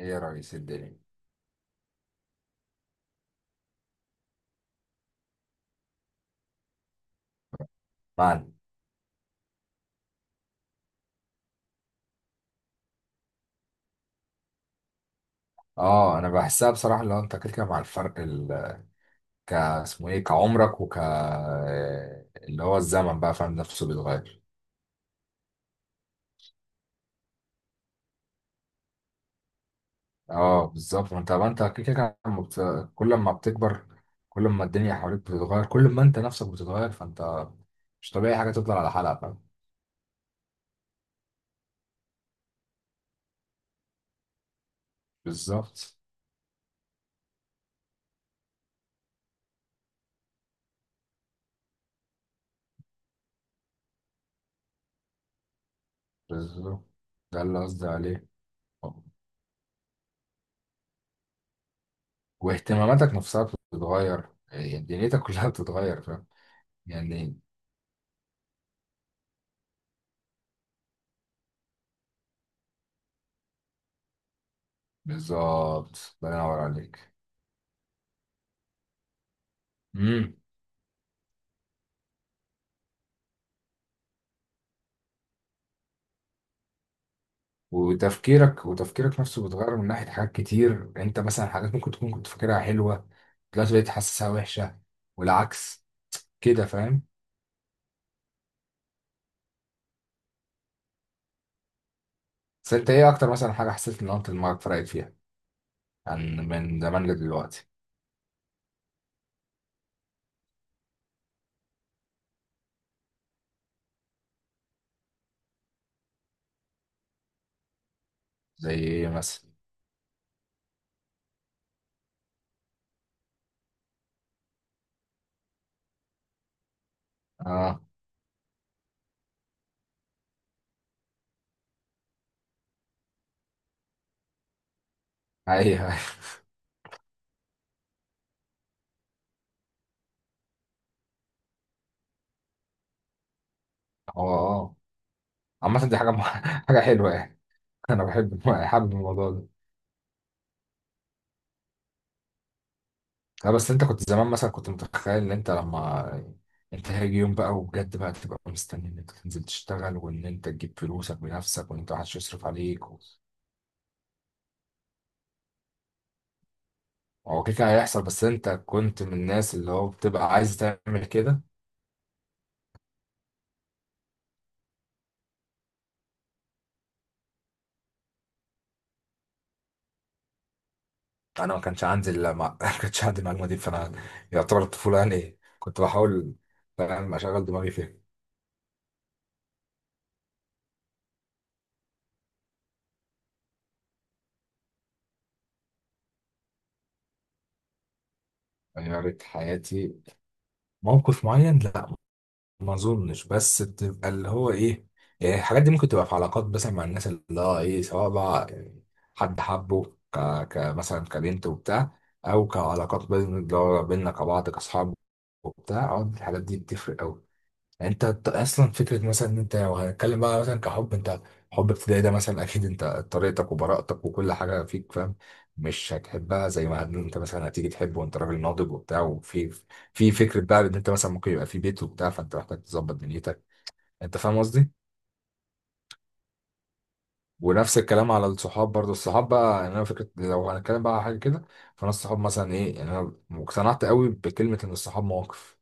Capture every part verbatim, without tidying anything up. ايه يا ريس الدنيا. بعد، اه انا بحسها بصراحه، اللي هو انت كده كده مع الفرق ال... ك اسمه ايه كعمرك وك اللي هو الزمن بقى فاهم نفسه بيتغير. اه بالظبط، ما انت ما انت كده كده لما بت... كل ما بتكبر، كل ما الدنيا حواليك بتتغير، كل ما انت نفسك بتتغير، فانت مش طبيعي حاجه تفضل على حالها، فاهم؟ بالظبط بالظبط، ده اللي قصدي عليه. واهتماماتك نفسها بتتغير، يعني دنيتك كلها بتتغير، فاهم؟ يعني بالظبط الله ينور عليك. امم وتفكيرك وتفكيرك نفسه بيتغير من ناحية حاجات كتير. انت مثلا حاجات ممكن تكون كنت فاكرها حلوة، دلوقتي بقيت حاسسها وحشة، والعكس كده، فاهم؟ بس انت ايه اكتر مثلا حاجة حسيت ان انت دماغك فرقت فيها عن من زمان لدلوقتي؟ زي ايه مثلا؟ اه ايوه. هو اه، عامة دي حاجة مح- حاجة حلوة يعني، انا بحب حابب الموضوع ده. لا بس انت كنت زمان مثلا كنت متخيل ان انت لما انت هيجي يوم بقى وبجد بقى تبقى مستني ان انت تنزل تشتغل، وان انت تجيب فلوسك بنفسك، وان انت محدش يصرف عليك و- هو كده كده هيحصل، بس انت كنت من الناس اللي هو بتبقى عايز تعمل كده. انا ما كانش عندي، لا ما ما كانش عندي المعلومه دي، فانا يعتبر الطفوله، يعني ايه، كنت بحاول، فاهم، اشغل دماغي فيها. غيرت حياتي؟ موقف معين؟ لا، ما اظنش، بس تبقى اللي هو ايه، يعني الحاجات دي ممكن تبقى في علاقات مثلا مع الناس، اللي هو ايه، سواء بقى يعني حد حبه ك... كمثلا كبنت وبتاع، او كعلاقات بين اللي هو بيننا كبعض كاصحاب وبتاع. أعتقد الحاجات دي بتفرق قوي. انت ت- اصلا فكره مثلا ان انت لو هنتكلم بقى مثلا كحب، انت حب ابتدائي ده مثلا اكيد انت طريقتك وبراءتك وكل حاجه فيك، فاهم، مش هتحبها زي ما هن- انت مثلا هتيجي تحبه وانت راجل ناضج وبتاع، وفي في فكره بقى ان انت مثلا ممكن يبقى في بيت وبتاع، فانت محتاج تظبط دنيتك. انت فاهم قصدي؟ ونفس الكلام على الصحاب برضو. الصحاب بقى يعني انا فكره لو هنتكلم بقى على حاجه كده، فانا الصحاب مثلا ايه، يعني انا اقتنعت قوي بكلمه ان الصحاب مواقف.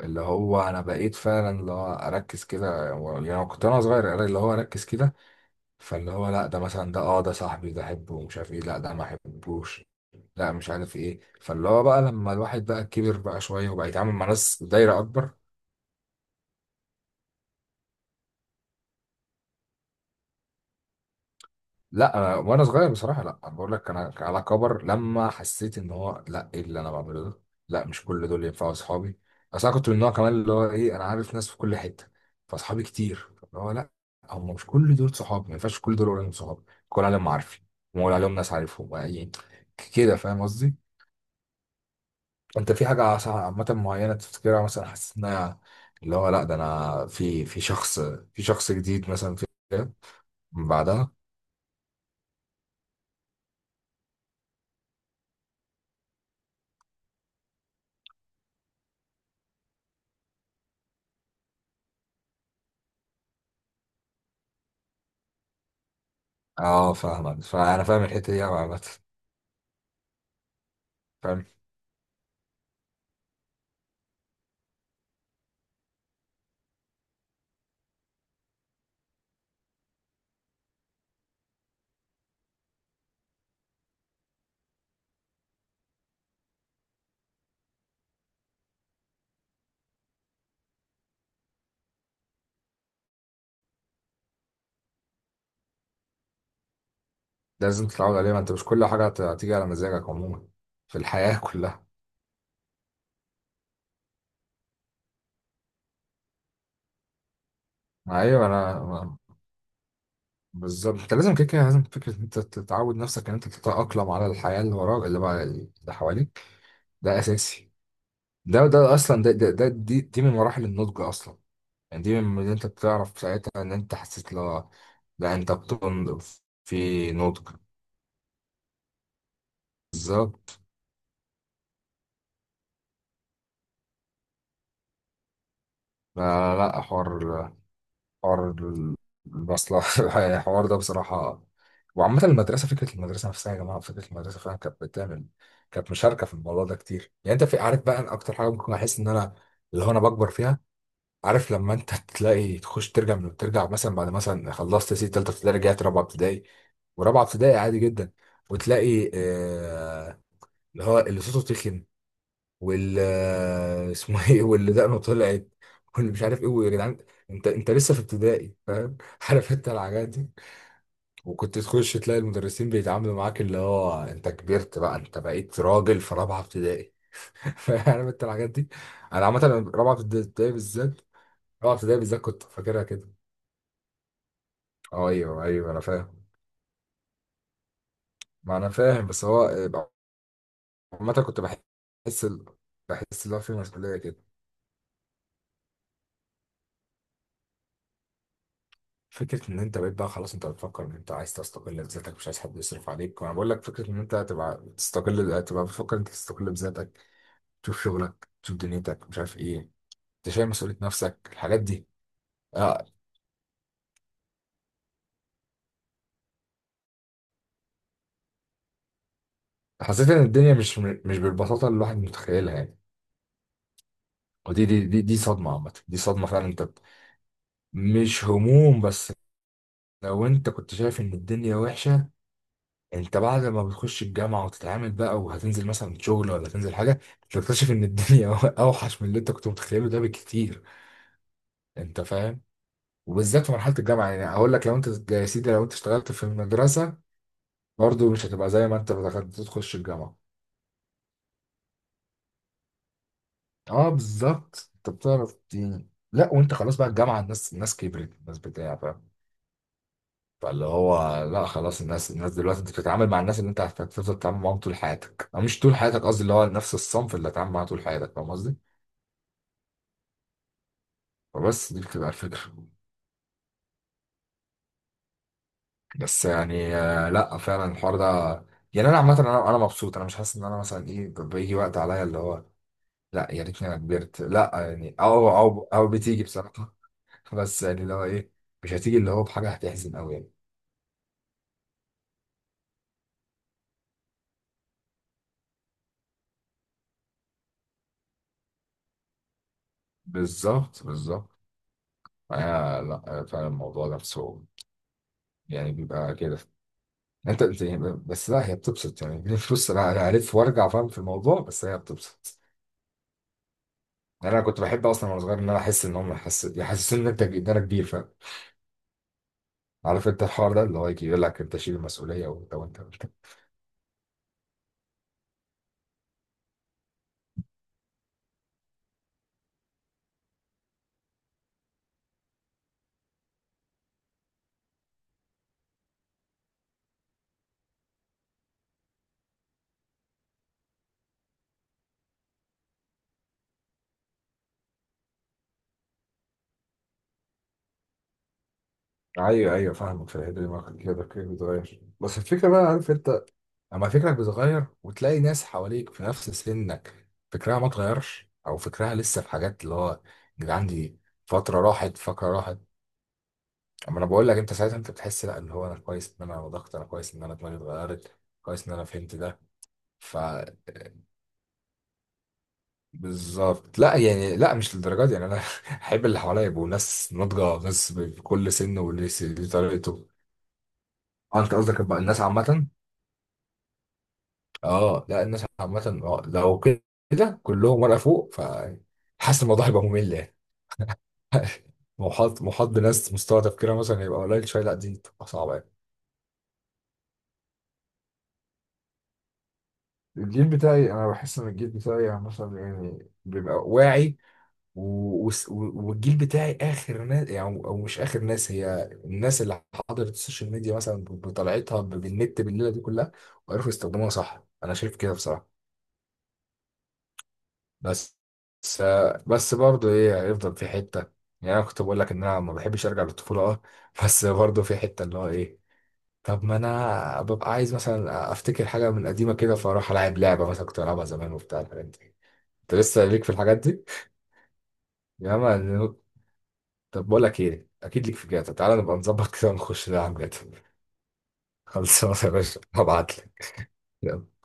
اللي هو انا بقيت فعلا اللي هو اركز كده و- يعني أنا كنت انا صغير اللي هو اركز كده، فاللي هو لا ده مثلا، ده اه ده صاحبي ده احبه ومش عارف ايه، لا ده ما احبوش، لا مش عارف ايه. فاللي هو بقى لما الواحد بقى كبر بقى شويه، وبقى يتعامل مع ناس دايره اكبر. لا أنا وانا صغير بصراحه، لا انا بقول لك انا على كبر لما حسيت ان هو لا ايه اللي انا بعمله ده؟ لا مش كل دول ينفعوا اصحابي. اصل انا كنت من النوع كمان اللي هو ايه انا عارف ناس في كل حته، فاصحابي كتير اللي هو لا، هم مش كل دول صحابي، ما ينفعش كل دول اقول عليهم صحابي، كل عليهم معارفي، وأقول عليهم ناس عارفهم يعني. كده فاهم قصدي؟ انت في حاجه عس- عامه معينه تفتكرها مثلا حسيت انها اللي هو لا ده انا في في شخص، في شخص جديد مثلا في بعدها؟ اه فاهمك، فانا فاهم الحته دي أوي عامه، فاهم. لازم تتعود عليها، ما انت مش كل حاجه هت- هتيجي على مزاجك عموما في الحياه كلها. ايوه، انا أنا- بالظبط، انت لازم كده كده، لازم فكره إن انت تتعود نفسك ان انت تتاقلم على الحياه اللي وراك، اللي بقى اللي حواليك. ده اساسي. ده ده اصلا، ده ده, ده دي, دي من مراحل النضج اصلا. يعني دي من اللي انت بتعرف ساعتها ان انت حسيت، لا، لا انت بتنضج، في نضج. بالظبط. لا، لا لا، حوار حوار المصلحة. الحوار ده بصراحة، وعامة المدرسة، فكرة المدرسة نفسها يا جماعة، فكرة المدرسة فعلا كانت بتعمل، كانت مشاركة في الموضوع ده كتير. يعني أنت في، عارف بقى، أنا أكتر حاجة ممكن أحس إن أنا اللي هو أنا بكبر فيها، عارف، لما أنت تلاقي تخش ترجع من ترجع مثلا بعد، مثلا خلصت سي تالتة ابتدائي رجعت رابعة ابتدائي، ورابعة ابتدائي عادي جدا، وتلاقي آه، اللي هو اللي صوته تخن، وال اسمه ايه، واللي دقنه طلعت، واللي مش عارف ايه، ويا جدعان انت انت لسه في ابتدائي، فاهم عارف انت الحاجات دي. وكنت تخش تلاقي المدرسين بيتعاملوا معاك اللي هو انت كبرت بقى، انت بقيت راجل في رابعه ابتدائي. فاهم انت الحاجات دي؟ انا عامه رابعه ابتدائي بالذات، رابعه ابتدائي بالذات كنت فاكرها كده. اه ايوه ايوه، انا فاهم. ما انا فاهم، بس هو عامه كنت بحس بحس اللي هو في مسؤوليه كده. فكرة إن أنت بقيت بقى خلاص أنت بتفكر إن أنت عايز تستقل بذاتك، مش عايز حد يصرف عليك. وأنا بقول لك، فكرة إن أنت تبقى تستقل، تبقى بتفكر إن أنت تستقل بذاتك، تشوف شغلك، تشوف دنيتك، مش عارف إيه. أنت شايل مسؤولية نفسك، الحاجات دي. آه، حسيت إن الدنيا مش مش بالبساطة اللي الواحد متخيلها يعني. ودي دي دي, دي صدمة عامة، دي صدمة فعلا. أنت مش هموم بس، لو أنت كنت شايف إن الدنيا وحشة، انت بعد ما بتخش الجامعه وتتعامل بقى، وهتنزل مثلا شغل ولا تنزل حاجه، تكتشف ان الدنيا اوحش من اللي انت كنت متخيله ده بكتير. انت فاهم؟ وبالذات في مرحله الجامعه، يعني اقول لك، لو انت يا سيدي لو انت اشتغلت في المدرسه برضه مش هتبقى زي ما انت دخلت تخش الجامعه. اه بالظبط، انت بتعرف يعني، لا وانت خلاص بقى الجامعه، الناس الناس كبرت، الناس بتاع، فاهم، فاللي هو لا خلاص الناس الناس دلوقتي انت بتتعامل مع الناس اللي انت هتفضل تتعامل معاهم طول حياتك، او مش طول حياتك قصدي، اللي هو نفس الصنف اللي هتتعامل معاه طول حياتك. فاهم قصدي؟ بس دي بتبقى الفكرة. بس يعني آه، لا فعلا الحوار ده، يعني انا عامة انا انا مبسوط، انا مش حاسس ان انا مثلا ايه ب- بيجي وقت عليا اللي هو لا يا ريتني انا كبرت، لا يعني، او او او بتيجي بصراحة بس يعني اللي هو ايه، مش هتيجي اللي هو بحاجة هتحزن قوي يعني. بالظبط بالظبط. آه لا آه، فعلا الموضوع نفسه يعني بيبقى كده. انت انت يعني بس، لا هي بتبسط يعني دي فلوس. انا أنا هلف وارجع، فاهم، في الموضوع، بس هي بتبسط. يعني انا كنت بحب اصلا وانا صغير ان انا احس ان هم يحس- يحسسوني ان انت، ان انا كبير. عارف انت الحوار ده اللي هو يجي يقول لك انت شيل المسؤوليه، ولو انت قلت ايوه ايوه، فاهمك في الحته دي، ما كنت كده كده بتغير. بس الفكره بقى عارف انت، اما فكرك بيتغير وتلاقي ناس حواليك في نفس سنك فكرها ما اتغيرش، او فكرها لسه في حاجات اللي هو يا جدعان دي فتره راحت، فكره راحت. اما انا بقول لك، انت ساعتها انت بتحس، لا اللي هو انا كويس ان انا ضغط، انا كويس ان انا دماغي اتغيرت، كويس ان انا فهمت ده. ف، بالظبط. لا يعني لا مش للدرجه دي يعني، انا احب اللي حواليا يبقوا ناس ناضجه، ناس بكل سن واللي س- ليه طريقته. اه انت قصدك بقى الناس عامه؟ اه لا الناس عامه، اه لو كده كلهم ورقه فوق، فحاسس الموضوع هيبقى ممل يعني. محاط، محاط بناس مستوى تفكيرها مثلا هيبقى قليل شويه، لا دي تبقى صعبه يعني. الجيل بتاعي، انا بحس ان الجيل بتاعي يعني مثلا يعني بيبقى واعي، و- وس- و- والجيل بتاعي اخر ناس، يعني او مش اخر ناس، هي الناس اللي حضرت السوشيال ميديا مثلا، ب- بطلعتها ب- بالنت، بالليله دي كلها، وعرفوا يستخدموها صح، انا شايف كده بصراحه. بس بس بس برضه ايه، هيفضل في حته، يعني انا كنت بقول لك ان انا ما بحبش ارجع للطفوله، اه، بس برضه في حته اللي هو ايه، طب ما انا ببقى عايز مثلا افتكر حاجه من قديمه كده، فاروح العب لعبه مثلا كنت بلعبها زمان وبتاع الحاجات دي. انت لسه ليك في الحاجات دي؟ يا عم طب بقول لك ايه، اكيد ليك في جاتا، تعالى نبقى نظبط كده ونخش نلعب جاتا. خلصانه يا باشا، هبعت لك.